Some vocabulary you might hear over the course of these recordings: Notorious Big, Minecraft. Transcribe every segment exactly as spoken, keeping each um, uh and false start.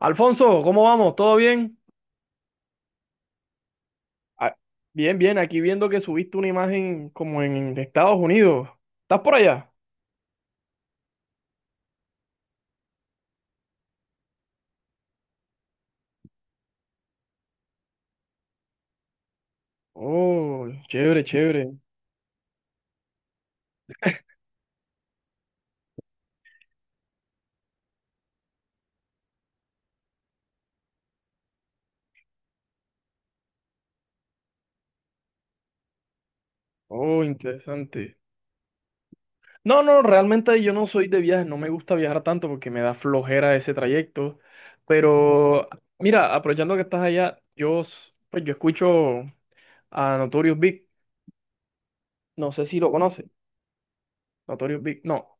Alfonso, ¿cómo vamos? ¿Todo bien? Ah, bien, bien, aquí viendo que subiste una imagen como en Estados Unidos. ¿Estás por allá? Oh, chévere, chévere. Oh, interesante. No, no, realmente yo no soy de viajes, no me gusta viajar tanto porque me da flojera ese trayecto. Pero mira, aprovechando que estás allá, yo, s- pues yo escucho a Notorious Big, no sé si lo conoces. Notorious Big, no.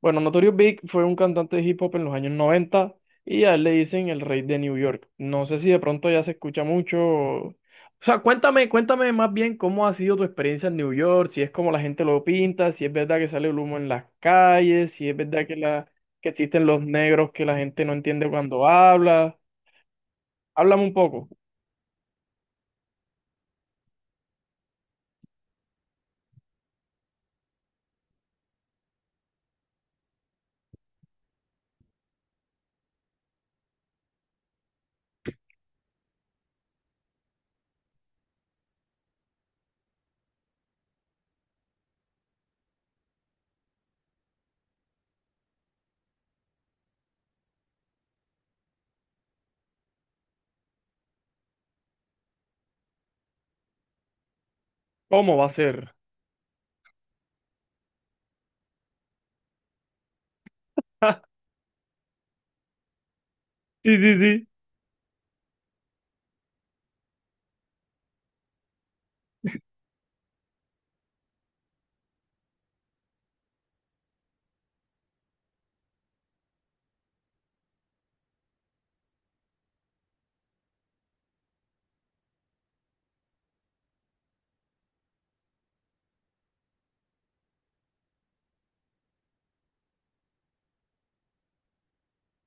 Bueno, Notorious Big fue un cantante de hip hop en los años noventa y a él le dicen el rey de New York. No sé si de pronto ya se escucha mucho. O sea, cuéntame, cuéntame más bien cómo ha sido tu experiencia en New York, si es como la gente lo pinta, si es verdad que sale el humo en las calles, si es verdad que, la, que existen los negros que la gente no entiende cuando habla. Háblame un poco, ¿cómo va a ser? Sí, sí, sí.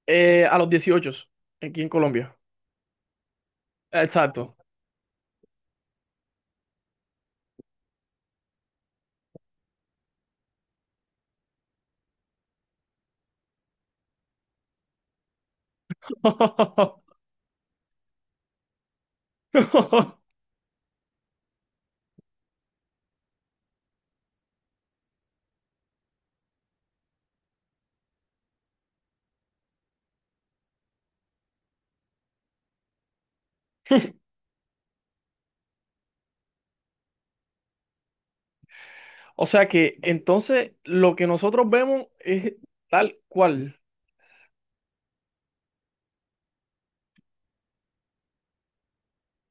Eh, a los dieciocho, aquí en Colombia. Exacto. O sea que entonces lo que nosotros vemos es tal cual.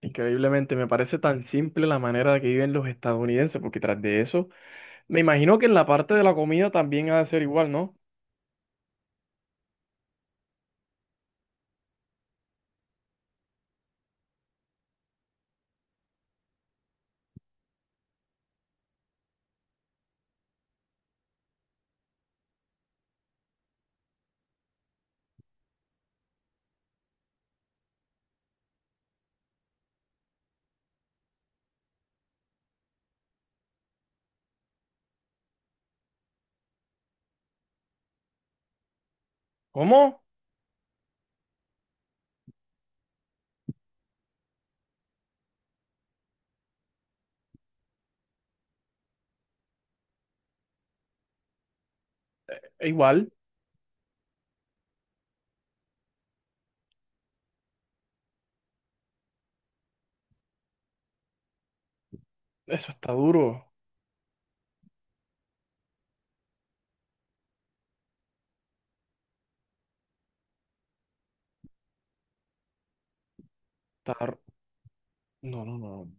Increíblemente, me parece tan simple la manera de que viven los estadounidenses, porque tras de eso, me imagino que en la parte de la comida también ha de ser igual, ¿no? ¿Cómo? E igual, eso está duro. Está... r- No, no, no.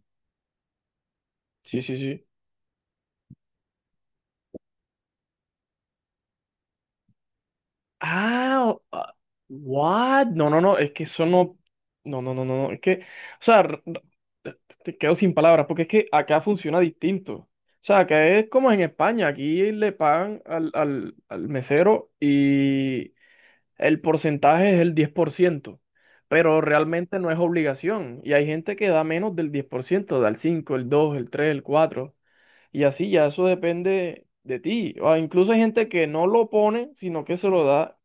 Sí, sí, sí. Ah, o- ah, What? No, no, no, es que eso no, no, no, no, no, no, es que, o sea, r- r- te te quedo sin palabras, porque es que acá funciona distinto. O sea, acá es como en España, aquí le pagan al, al, al mesero y el porcentaje es el diez por ciento, pero realmente no es obligación. Y hay gente que da menos del diez por ciento, da el cinco, el dos, el tres, el cuatro y así ya eso depende de ti. O incluso hay gente que no lo pone, sino que se lo da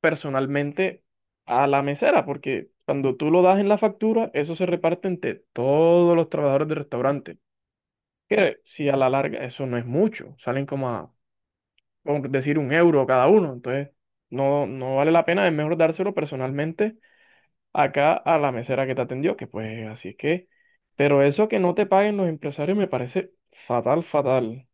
personalmente a la mesera, porque cuando tú lo das en la factura, eso se reparte entre todos los trabajadores del restaurante, que si a la larga eso no es mucho, salen como a, por decir, un euro cada uno, entonces no, no vale la pena, es mejor dárselo personalmente acá a la mesera que te atendió, que pues así es que, pero eso que no te paguen los empresarios me parece fatal, fatal.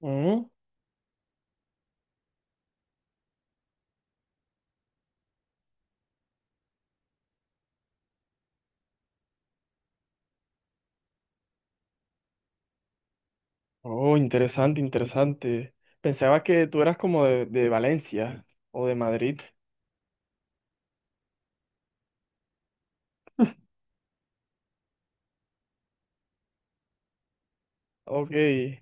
Ujú. Oh, interesante, interesante. Pensaba que tú eras como de de Valencia o de Madrid. Ok, es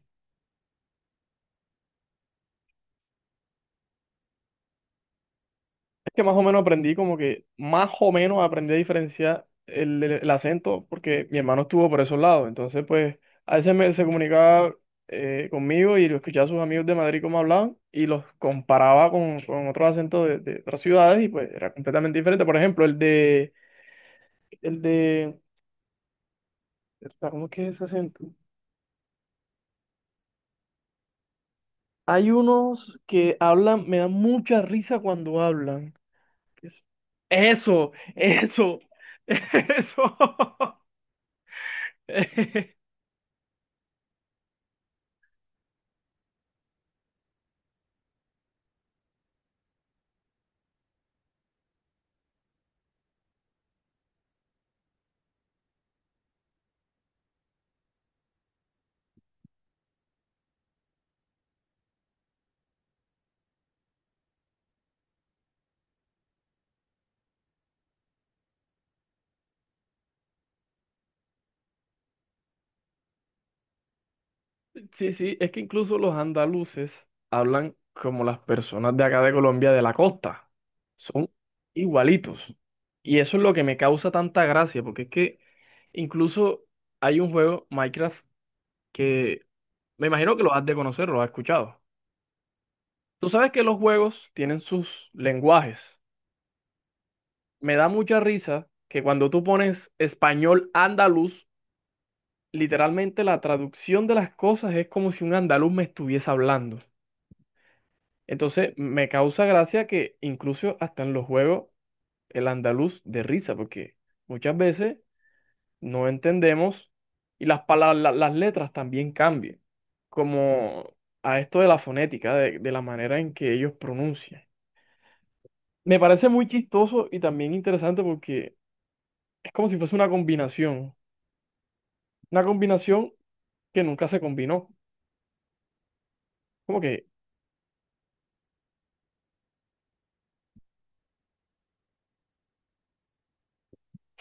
que más o menos aprendí como que, más o menos aprendí a diferenciar el, el- el acento porque mi hermano estuvo por esos lados, entonces pues a veces me, se comunicaba eh, conmigo y lo escuchaba a sus amigos de Madrid cómo hablaban y los comparaba con, con otros acentos de, de otras ciudades y pues era completamente diferente. Por ejemplo, el de, el de, espera, ¿cómo es que es ese acento? Hay unos que hablan, me dan mucha risa cuando hablan. Eso, eso, eso. Sí, sí, es que incluso los andaluces hablan como las personas de acá de Colombia de la costa. Son igualitos. Y eso es lo que me causa tanta gracia, porque es que incluso hay un juego, Minecraft, que me imagino que lo has de conocer, lo has escuchado. Tú sabes que los juegos tienen sus lenguajes. Me da mucha risa que cuando tú pones español andaluz, literalmente la traducción de las cosas es como si un andaluz me estuviese hablando. Entonces, me causa gracia que incluso hasta en los juegos el andaluz de risa, porque muchas veces no entendemos y las palabras, la- las letras también cambian, como a esto de la fonética, de, de la manera en que ellos pronuncian. Me parece muy chistoso y también interesante porque es como si fuese una combinación, una combinación que nunca se combinó, como que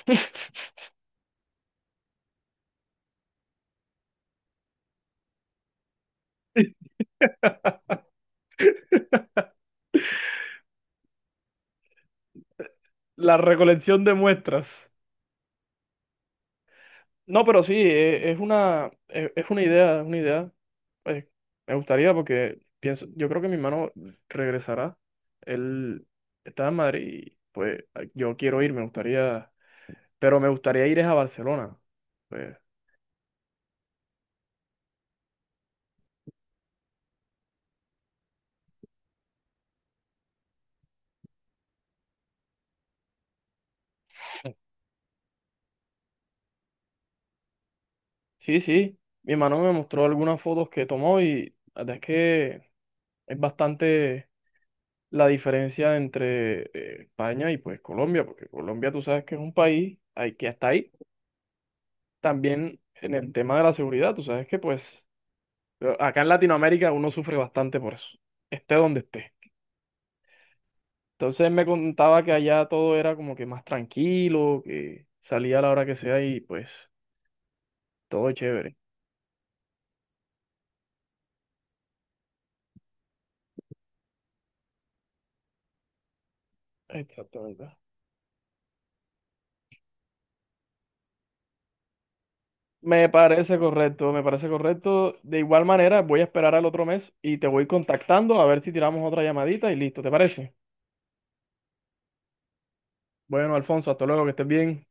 la recolección de muestras. No, pero sí, eh, es una, eh, es una idea, es una idea. Pues, me gustaría porque pienso, yo creo que mi hermano regresará. Él está en Madrid y pues yo quiero ir, me gustaría, pero me gustaría ir es a Barcelona. Pues, sí, sí, mi hermano me mostró algunas fotos que tomó y la verdad es que es bastante la diferencia entre eh, España y pues Colombia, porque Colombia tú sabes que es un país hay que hasta ahí. También en el tema de la seguridad, tú sabes que pues Pero acá en Latinoamérica uno sufre bastante por eso, esté donde esté. Entonces me contaba que allá todo era como que más tranquilo, que salía a la hora que sea y pues todo chévere. Exactamente. Me parece correcto, me parece correcto. De igual manera, voy a esperar al otro mes y te voy contactando a ver si tiramos otra llamadita y listo, ¿te parece? Bueno, Alfonso, hasta luego, que estés bien.